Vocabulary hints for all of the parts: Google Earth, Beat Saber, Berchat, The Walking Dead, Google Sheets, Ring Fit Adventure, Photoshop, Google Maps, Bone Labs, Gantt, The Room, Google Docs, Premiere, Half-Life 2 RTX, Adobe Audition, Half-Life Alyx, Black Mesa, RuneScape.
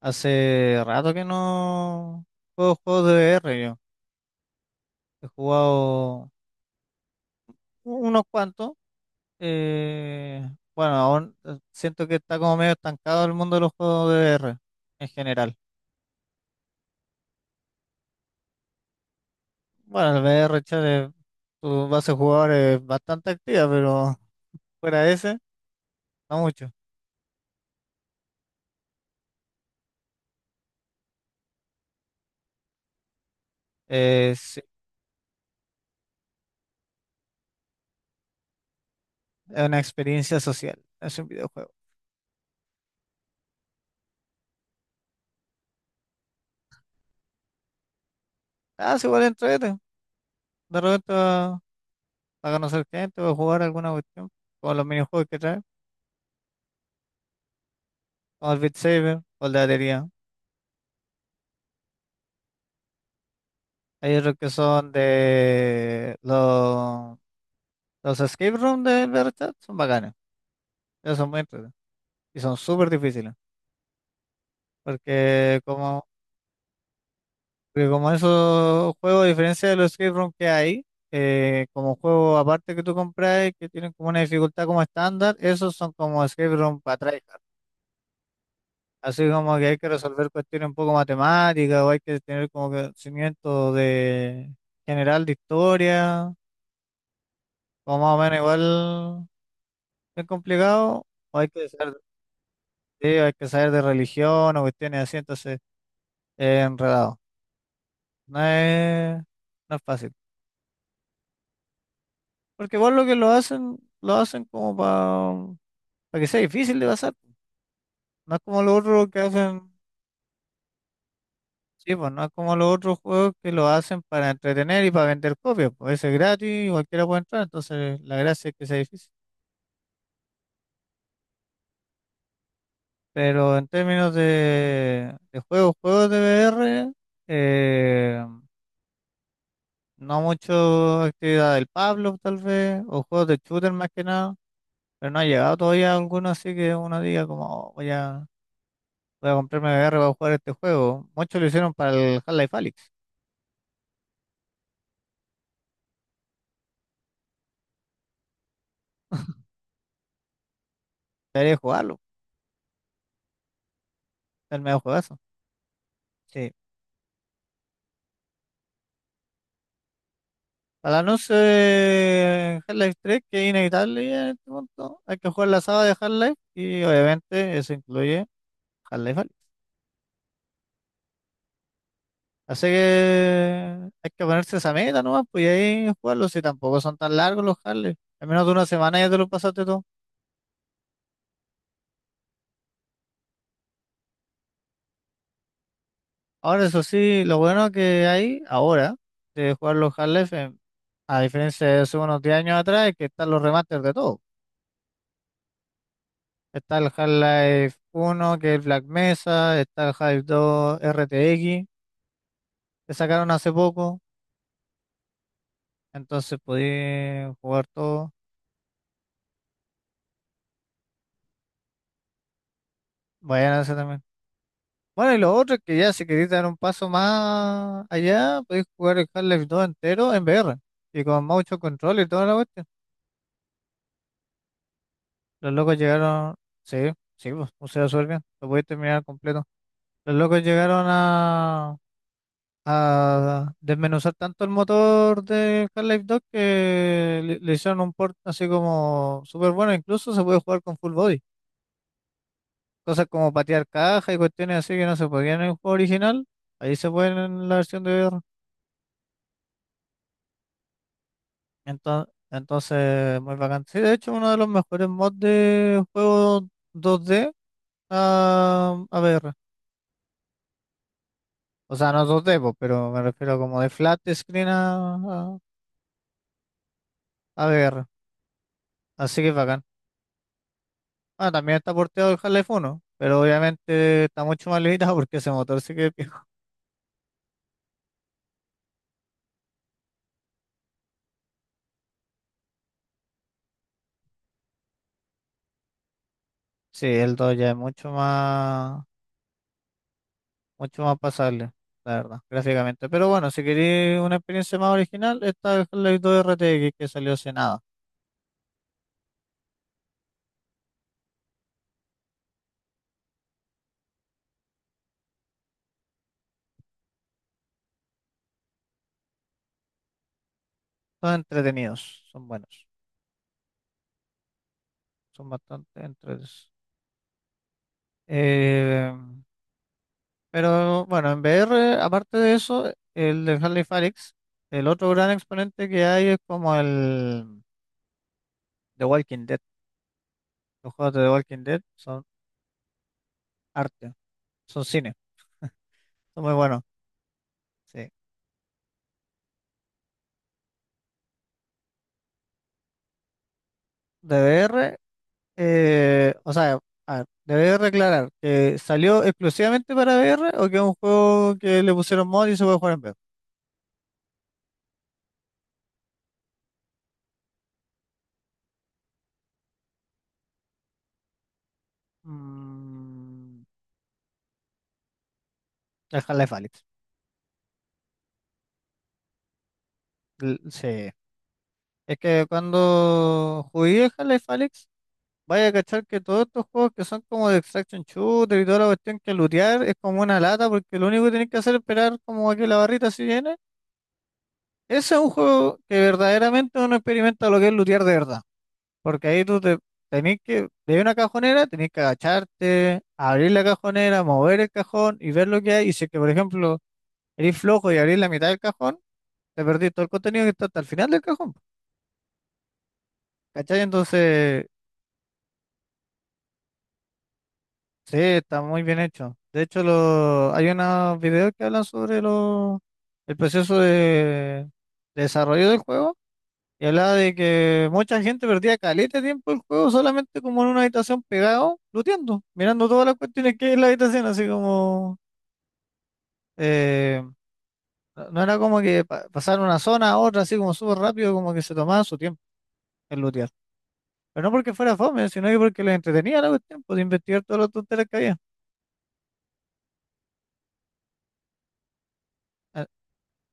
Hace rato que no juego juegos de VR yo. He jugado unos cuantos. eh, bueno, aún siento que está como medio estancado el mundo de los juegos de VR en general. Bueno, el VR, chale, tu base de jugadores es bastante activa, pero fuera de ese, no mucho. Sí, es una experiencia social, es un videojuego. Ah, sí, igual entrete. De repente para conocer gente o jugar alguna cuestión, como los minijuegos que trae, como el Beat Saber o el de batería. Hay otros que son de los escape room de Berchat, son bacanes. Esos son muy entretenidos. Y son súper difíciles. Porque como, porque como esos juegos, a diferencia de los escape room que hay, como juegos aparte que tú compras que tienen como una dificultad como estándar, esos son como escape room para tryhard. Así como que hay que resolver cuestiones un poco matemáticas o hay que tener como conocimiento de general de historia, como más o menos igual. Es complicado, o hay que saber, sí, hay que saber de religión o cuestiones así, entonces es enredado. No es, no es fácil. Porque igual lo que lo hacen como para que sea difícil de pasar. No es como los otros que hacen, sí, pues no es como los otros juegos que lo hacen para entretener y para vender copias. Pues ese es gratis, y cualquiera puede entrar, entonces la gracia es que sea difícil. Pero en términos de juegos, juegos de VR, no mucho actividad del Pablo, tal vez, o juegos de shooter más que nada, pero no ha llegado todavía alguno así que uno diga como "Oh, voy a comprarme VR para jugar este juego". Muchos lo hicieron para el Half-Life Alyx, debería jugarlo, es el mejor juegazo. Sí. Para no ser Half-Life 3, que es inevitable ya en este punto, hay que jugar la saga de Half-Life y obviamente eso incluye Half-Life Alyx. Así que hay que ponerse esa meta nomás, pues, y ahí jugarlos, si tampoco son tan largos los Harley. En menos de una semana ya te lo pasaste todo. Ahora, eso sí, lo bueno que hay ahora de jugar los Harley, a diferencia de hace unos 10 años atrás, es que están los remasters de todo. Está el Half-Life 1, que es el Black Mesa, está el Half-Life 2 RTX, que sacaron hace poco, entonces podí jugar todo. Vayan a ese también. Bueno, y lo otro es que ya si queréis dar un paso más allá, podéis jugar el Half-Life 2 entero en VR y con mucho control y toda la cuestión. Los locos llegaron, sí, sí, pues, o sea, súper bien, lo podéis terminar completo. Los locos llegaron a desmenuzar tanto el motor del Half-Life 2 que le hicieron un port así como súper bueno, incluso se puede jugar con full body, cosas como patear caja y cuestiones así que no se podían en el juego original, ahí se pueden en la versión de VR. Entonces, muy bacán. Sí, de hecho, uno de los mejores mods de juego dos d a VR. O sea, no dos d po, pero me refiero como de flat screen a VR. Así que bacán. Ah, también está porteado el Half-Life 1, pero obviamente está mucho más limitado porque ese motor sí que es viejo. Sí, el 2 ya es mucho más pasable, la verdad, gráficamente. Pero bueno, si queréis una experiencia más original, está el Half-Life dos R T RTX que salió hace nada. Son entretenidos, son buenos. Son bastante entretenidos. Eh, pero bueno, en VR, aparte de eso, el de Harley Falix, el otro gran exponente que hay es como el The Walking Dead. Los juegos de The Walking Dead son arte, son cine, son muy buenos. Sí. De VR, o sea, a ver, deber aclarar que salió exclusivamente para VR o que es un juego que le pusieron mod y se puede jugar en VR. Mm, el Half-Life Alyx. Sí, es que cuando jugué Half-Life Alyx, vaya a cachar que todos estos juegos que son como de extraction shooter y toda la cuestión que lootear es como una lata porque lo único que tienes que hacer es esperar como a que la barrita se llene. Ese es un juego que verdaderamente uno experimenta lo que es lootear de verdad. Porque ahí tú te tenés que, de una cajonera, tenés que agacharte, abrir la cajonera, mover el cajón y ver lo que hay. Y si es que, por ejemplo, eres flojo y abrís la mitad del cajón, te perdís todo el contenido que está hasta el final del cajón. ¿Cachai? Entonces, sí, está muy bien hecho. De hecho, hay unos videos que hablan sobre el proceso de desarrollo del juego y hablaba de que mucha gente perdía caleta de tiempo el juego solamente como en una habitación pegado, looteando, mirando todas las cuestiones que hay en la habitación, así como... eh, no era como que pasar una zona a otra así como súper rápido, como que se tomaba su tiempo en lootear. Pero no porque fuera fome, sino que porque les entretenía la cuestión, pues, de investigar todas las tonteras que había. Eh,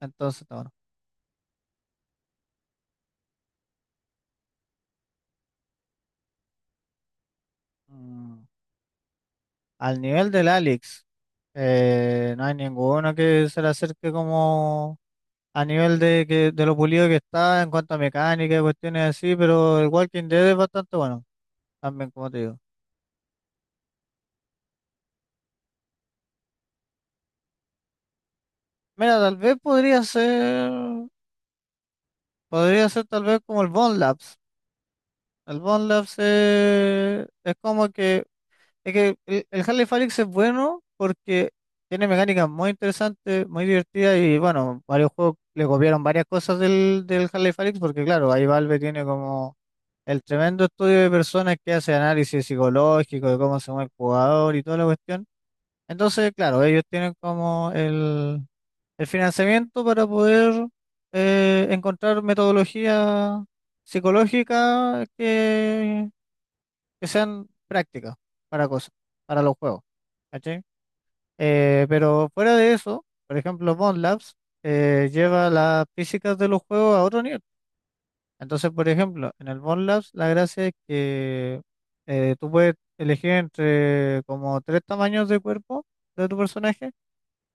Entonces, está bueno. Mm. Al nivel del Alex, no hay ninguno que se le acerque como a nivel de lo pulido que está en cuanto a mecánica y cuestiones así, pero el Walking Dead es bastante bueno, también como te digo. Mira, tal vez podría ser tal vez como el Bone Labs. El Bone Labs es como que. Es que el Half-Life Alyx es bueno porque tiene mecánicas muy interesantes, muy divertidas y bueno, varios juegos le copiaron varias cosas del Half-Life Alyx porque claro, ahí Valve tiene como el tremendo estudio de personas que hace análisis psicológico de cómo se mueve el jugador y toda la cuestión. Entonces, claro, ellos tienen como el financiamiento para poder encontrar metodología psicológica que sean prácticas para cosas, para los juegos, ¿cachai? Pero fuera de eso, por ejemplo, Bond Labs lleva las físicas de los juegos a otro nivel. Entonces, por ejemplo, en el Bond Labs la gracia es que tú puedes elegir entre como tres tamaños de cuerpo de tu personaje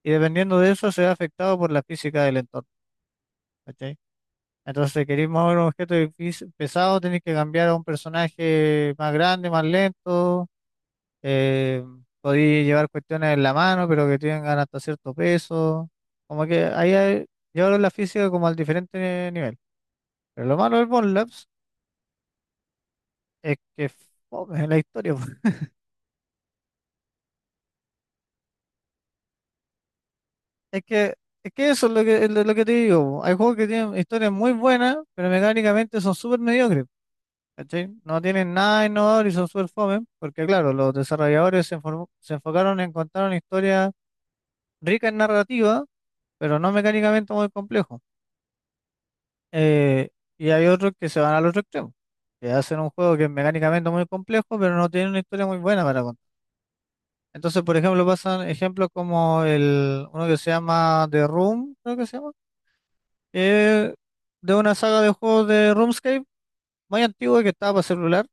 y dependiendo de eso se ve afectado por la física del entorno, ¿cachai? Entonces, si queréis mover un objeto pesado, tenéis que cambiar a un personaje más grande, más lento. Eh, Podéis llevar cuestiones en la mano, pero que tengan hasta cierto peso. Como que ahí llevaron la física como al diferente nivel. Pero lo malo del Bond Labs es que fome la historia, po. Es que, es que eso es lo que, te digo, po. Hay juegos que tienen historias muy buenas, pero mecánicamente son súper mediocres. ¿Cachai? No tienen nada innovador y son súper fome, porque claro, los desarrolladores se enfocaron en contar una historia rica en narrativa, pero no mecánicamente muy complejo. Eh, y hay otros que se van al otro extremo, que hacen un juego que es mecánicamente muy complejo, pero no tiene una historia muy buena para contar. Entonces, por ejemplo, pasan ejemplos como uno que se llama The Room, creo que se llama, que es de una saga de juegos de RuneScape muy antigua que estaba para celular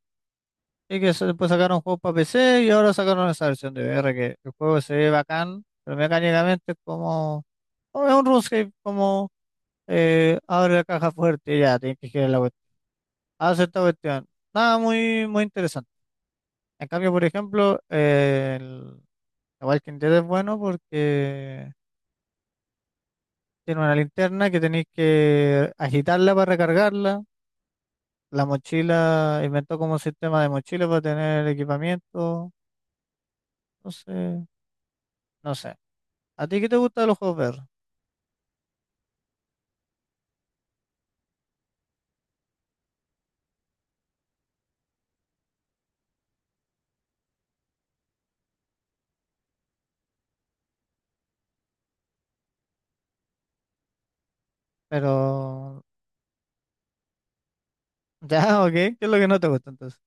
y que después sacaron juegos para PC y ahora sacaron esa versión de VR que el juego se ve bacán, pero mecánicamente es como, como es un RuneScape, como abre la caja fuerte y ya, tienes que girar la, hace esta cuestión. Nada muy, muy interesante. En cambio, por ejemplo, el The Walking Dead es bueno porque tiene una linterna que tenéis que agitarla para recargarla. La mochila inventó como un sistema de mochila para tener equipamiento. Entonces, no sé. ¿A ti qué te gusta de los juegos VR? Pero, ya, ok. ¿Qué es lo que no te gusta entonces?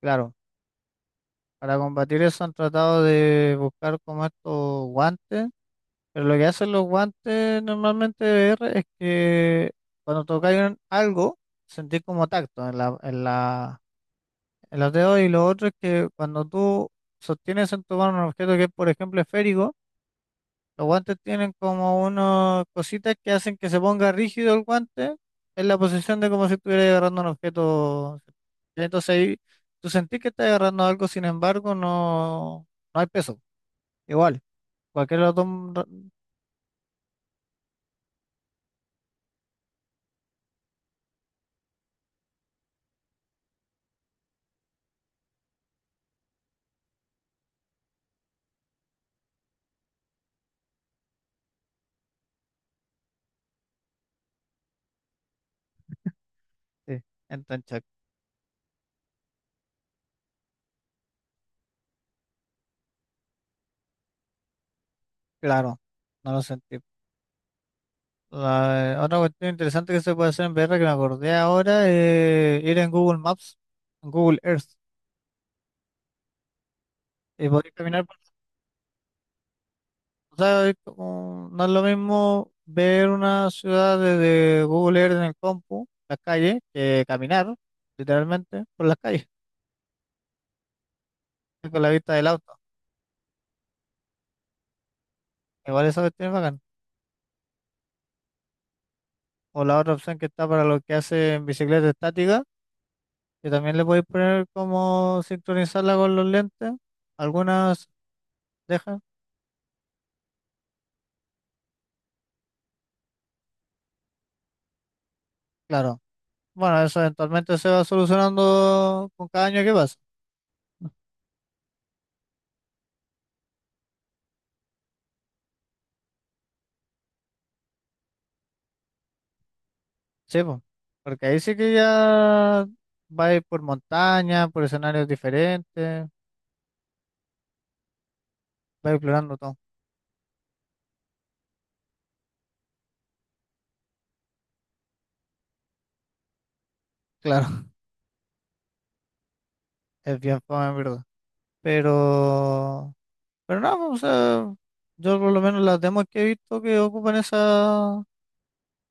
Claro, para combatir eso han tratado de buscar como estos guantes. Pero lo que hacen los guantes normalmente de VR es que cuando tocáis algo, sentís como tacto en la, en los dedos y lo otro es que cuando tú sostienes en tu mano un objeto que es, por ejemplo, esférico, los guantes tienen como unas cositas que hacen que se ponga rígido el guante en la posición de como si estuvieras agarrando un objeto. Entonces ahí tú sentís que estás agarrando algo, sin embargo, no, no hay peso. Igual, cualquier otro... Sí, entonces. Claro, no lo sentí. Otra cuestión interesante que se puede hacer en VR que me acordé ahora es ir en Google Maps, en Google Earth, y poder caminar por... O sea, no es lo mismo ver una ciudad desde Google Earth en el compu, las calles, que caminar literalmente por las calles, con la vista del auto. Igual esa cuestión es bacán. O la otra opción que está para lo que hace en bicicleta estática, que también le podéis poner como sincronizarla con los lentes. Algunas dejan, claro. Bueno, eso eventualmente se va solucionando con cada año que pasa. Sí, po. Porque ahí sí que ya va a ir por montaña, por escenarios diferentes, va explorando todo. Claro, es bien fome, en verdad. Pero, pero no, po, o sea, yo por lo menos las demos que he visto que ocupan esa,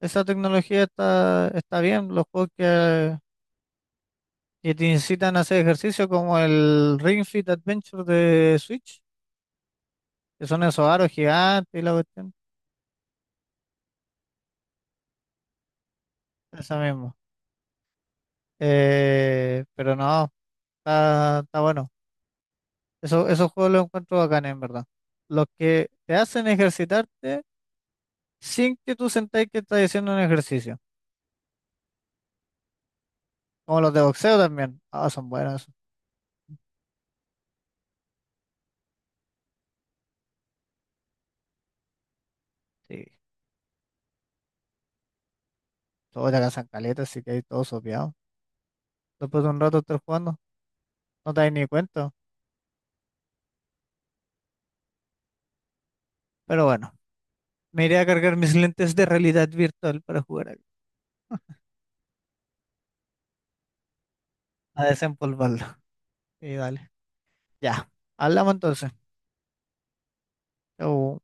esa tecnología está bien. Los juegos que te incitan a hacer ejercicio, como el Ring Fit Adventure de Switch, que son esos aros gigantes y la cuestión. Esa mismo. Pero no, está bueno. Eso, esos juegos los encuentro bacanes, en verdad. Los que te hacen ejercitarte sin que tú sentáis que estás haciendo un ejercicio. Como los de boxeo también. Ah, son buenos. Sí, todos te cazan caletas, así que hay todos sopeados. Después de un rato estar jugando, no te das ni cuenta. Pero bueno, me iré a cargar mis lentes de realidad virtual para jugar a, a desempolvarlo. Y dale, ya. Hablamos entonces. Chau.